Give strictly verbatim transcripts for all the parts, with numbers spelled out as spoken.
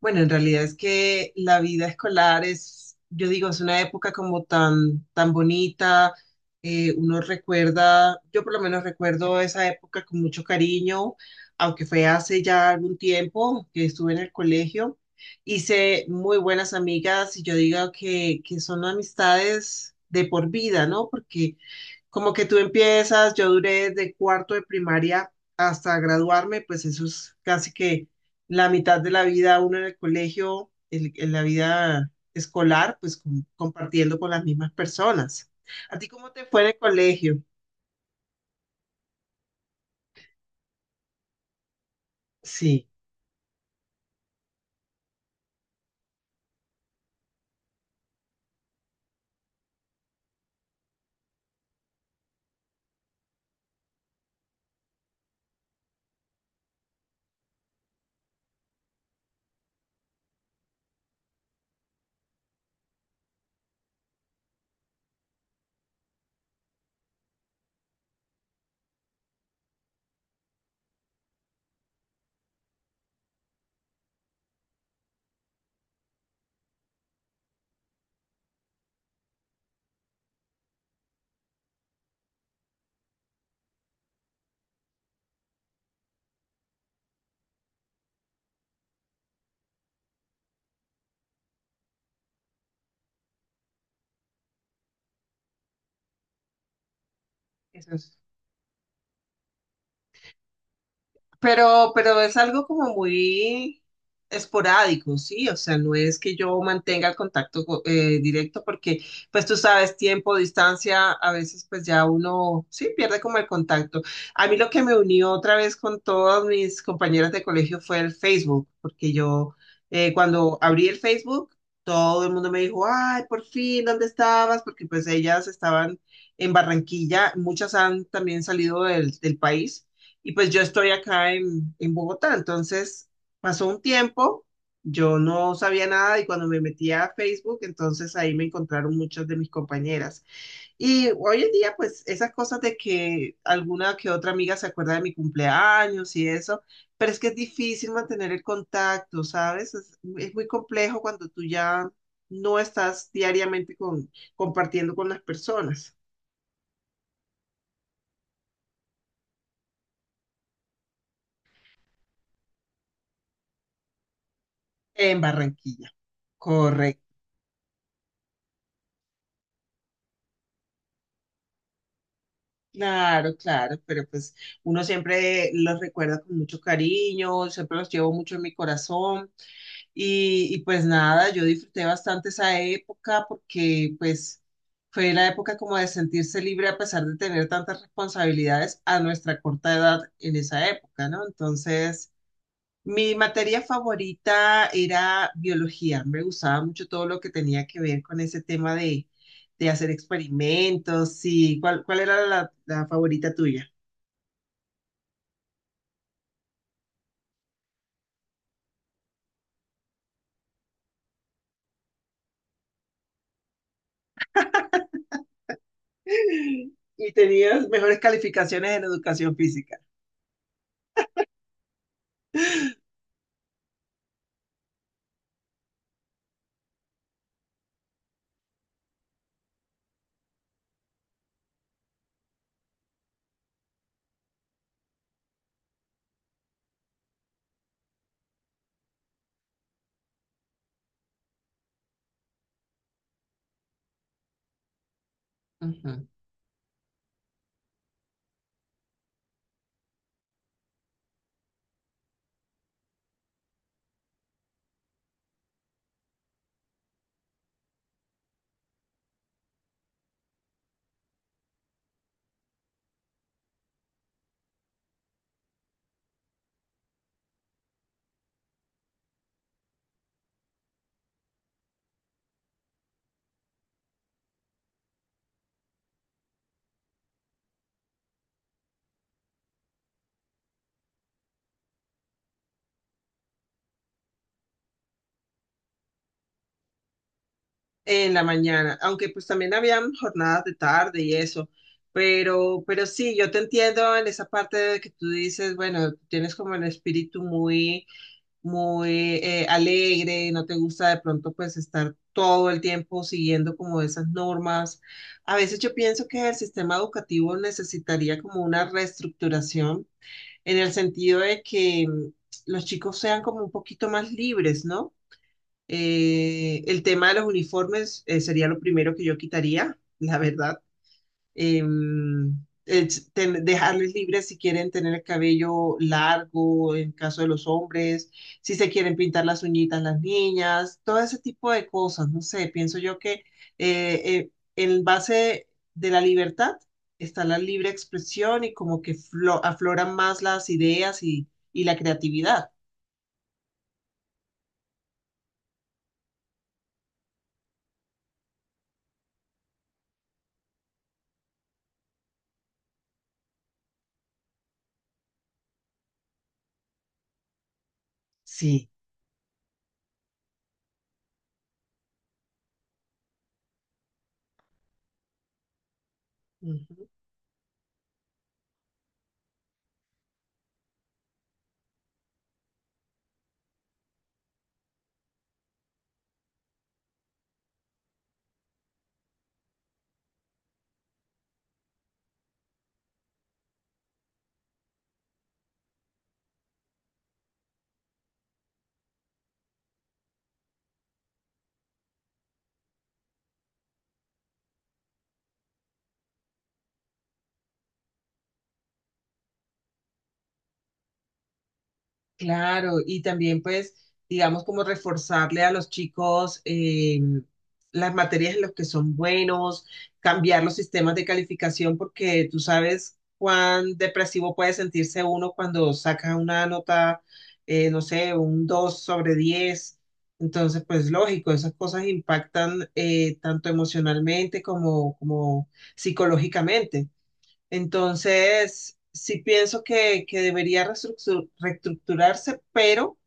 Bueno, en realidad es que la vida escolar es, yo digo, es una época como tan, tan bonita. Eh, uno recuerda, yo por lo menos recuerdo esa época con mucho cariño, aunque fue hace ya algún tiempo que estuve en el colegio. Hice muy buenas amigas y yo digo que, que son amistades de por vida, ¿no? Porque como que tú empiezas, yo duré de cuarto de primaria hasta graduarme, pues eso es casi que la mitad de la vida uno en el colegio, el- en la vida escolar, pues com- compartiendo con las mismas personas. ¿A ti cómo te fue en el colegio? Sí, eso es. Pero, pero es algo como muy esporádico, ¿sí? O sea, no es que yo mantenga el contacto co- eh, directo porque, pues tú sabes, tiempo, distancia, a veces pues ya uno, sí, pierde como el contacto. A mí lo que me unió otra vez con todas mis compañeras de colegio fue el Facebook, porque yo eh, cuando abrí el Facebook, todo el mundo me dijo, ay, por fin, ¿dónde estabas? Porque pues ellas estaban en Barranquilla, muchas han también salido del del país. Y pues yo estoy acá en, en Bogotá, entonces pasó un tiempo, yo no sabía nada y cuando me metí a Facebook, entonces ahí me encontraron muchas de mis compañeras. Y hoy en día, pues esas cosas de que alguna que otra amiga se acuerda de mi cumpleaños y eso, pero es que es difícil mantener el contacto, ¿sabes? Es, es muy complejo cuando tú ya no estás diariamente con, compartiendo con las personas en Barranquilla. Claro, claro, pero pues uno siempre los recuerda con mucho cariño, siempre los llevo mucho en mi corazón y, y pues nada, yo disfruté bastante esa época porque pues fue la época como de sentirse libre a pesar de tener tantas responsabilidades a nuestra corta edad en esa época, ¿no? Entonces... Mi materia favorita era biología. Me gustaba mucho todo lo que tenía que ver con ese tema de, de hacer experimentos. Y ¿cuál, cuál era la, la favorita tuya? Y tenías mejores calificaciones en educación física. Ujú. En la mañana, aunque pues también habían jornadas de tarde y eso, pero, pero sí, yo te entiendo en esa parte de que tú dices, bueno, tienes como el espíritu muy muy eh, alegre, no te gusta de pronto pues estar todo el tiempo siguiendo como esas normas. A veces yo pienso que el sistema educativo necesitaría como una reestructuración en el sentido de que mm, los chicos sean como un poquito más libres, ¿no? Eh, el tema de los uniformes eh, sería lo primero que yo quitaría, la verdad. em, eh, es ten- dejarles libres si quieren tener el cabello largo, en caso de los hombres, si se quieren pintar las uñitas las niñas, todo ese tipo de cosas, no sé, pienso yo que eh, eh, en base de la libertad está la libre expresión y como que flo- afloran más las ideas y, y la creatividad. Sí. Ujú. Claro, y también pues, digamos, como reforzarle a los chicos eh, las materias en las que son buenos, cambiar los sistemas de calificación, porque tú sabes cuán depresivo puede sentirse uno cuando saca una nota, eh, no sé, un dos sobre diez. Entonces, pues lógico, esas cosas impactan eh, tanto emocionalmente como, como psicológicamente. Entonces, sí pienso que, que debería reestructu- reestructurarse, pero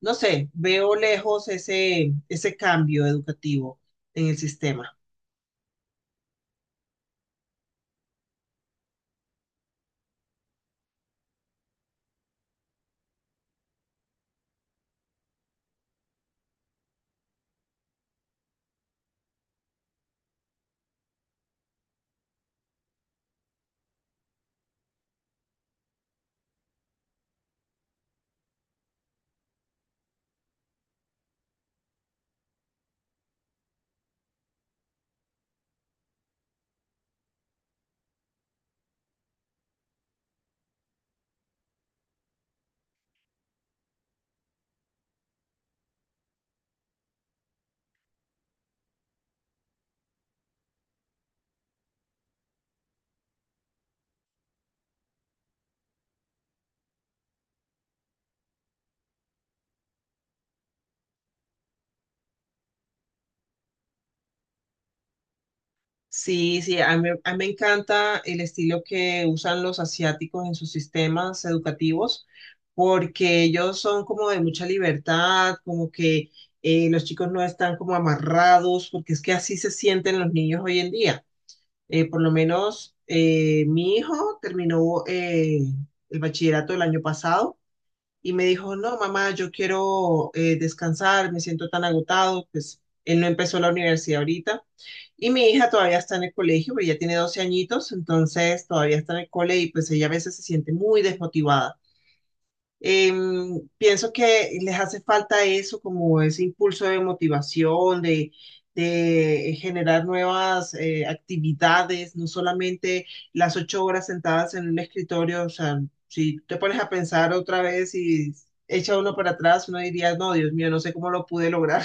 no sé, veo lejos ese, ese cambio educativo en el sistema. Sí, sí, a mí, a mí me encanta el estilo que usan los asiáticos en sus sistemas educativos, porque ellos son como de mucha libertad, como que eh, los chicos no están como amarrados, porque es que así se sienten los niños hoy en día. Eh, por lo menos eh, mi hijo terminó eh, el bachillerato el año pasado y me dijo, no, mamá, yo quiero eh, descansar, me siento tan agotado, pues él no empezó la universidad ahorita. Y mi hija todavía está en el colegio, pero ya tiene doce añitos, entonces todavía está en el cole y pues ella a veces se siente muy desmotivada. Em, pienso que les hace falta eso, como ese impulso de motivación, de, de generar nuevas eh, actividades, no solamente las ocho horas sentadas en un escritorio. O sea, si te pones a pensar otra vez y echa uno para atrás, uno diría, no, Dios mío, no sé cómo lo pude lograr.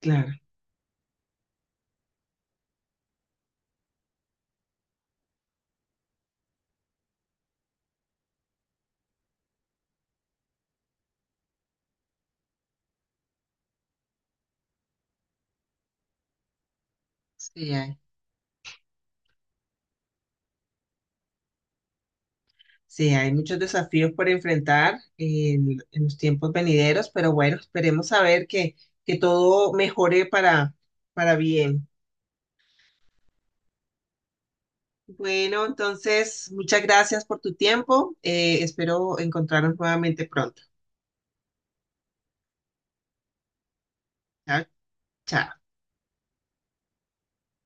Claro. Sí, sí, hay muchos desafíos por enfrentar en, en los tiempos venideros, pero bueno, esperemos a ver que, que todo mejore para, para bien. Bueno, entonces, muchas gracias por tu tiempo. Eh, espero encontrarnos nuevamente pronto. Chao. Chao.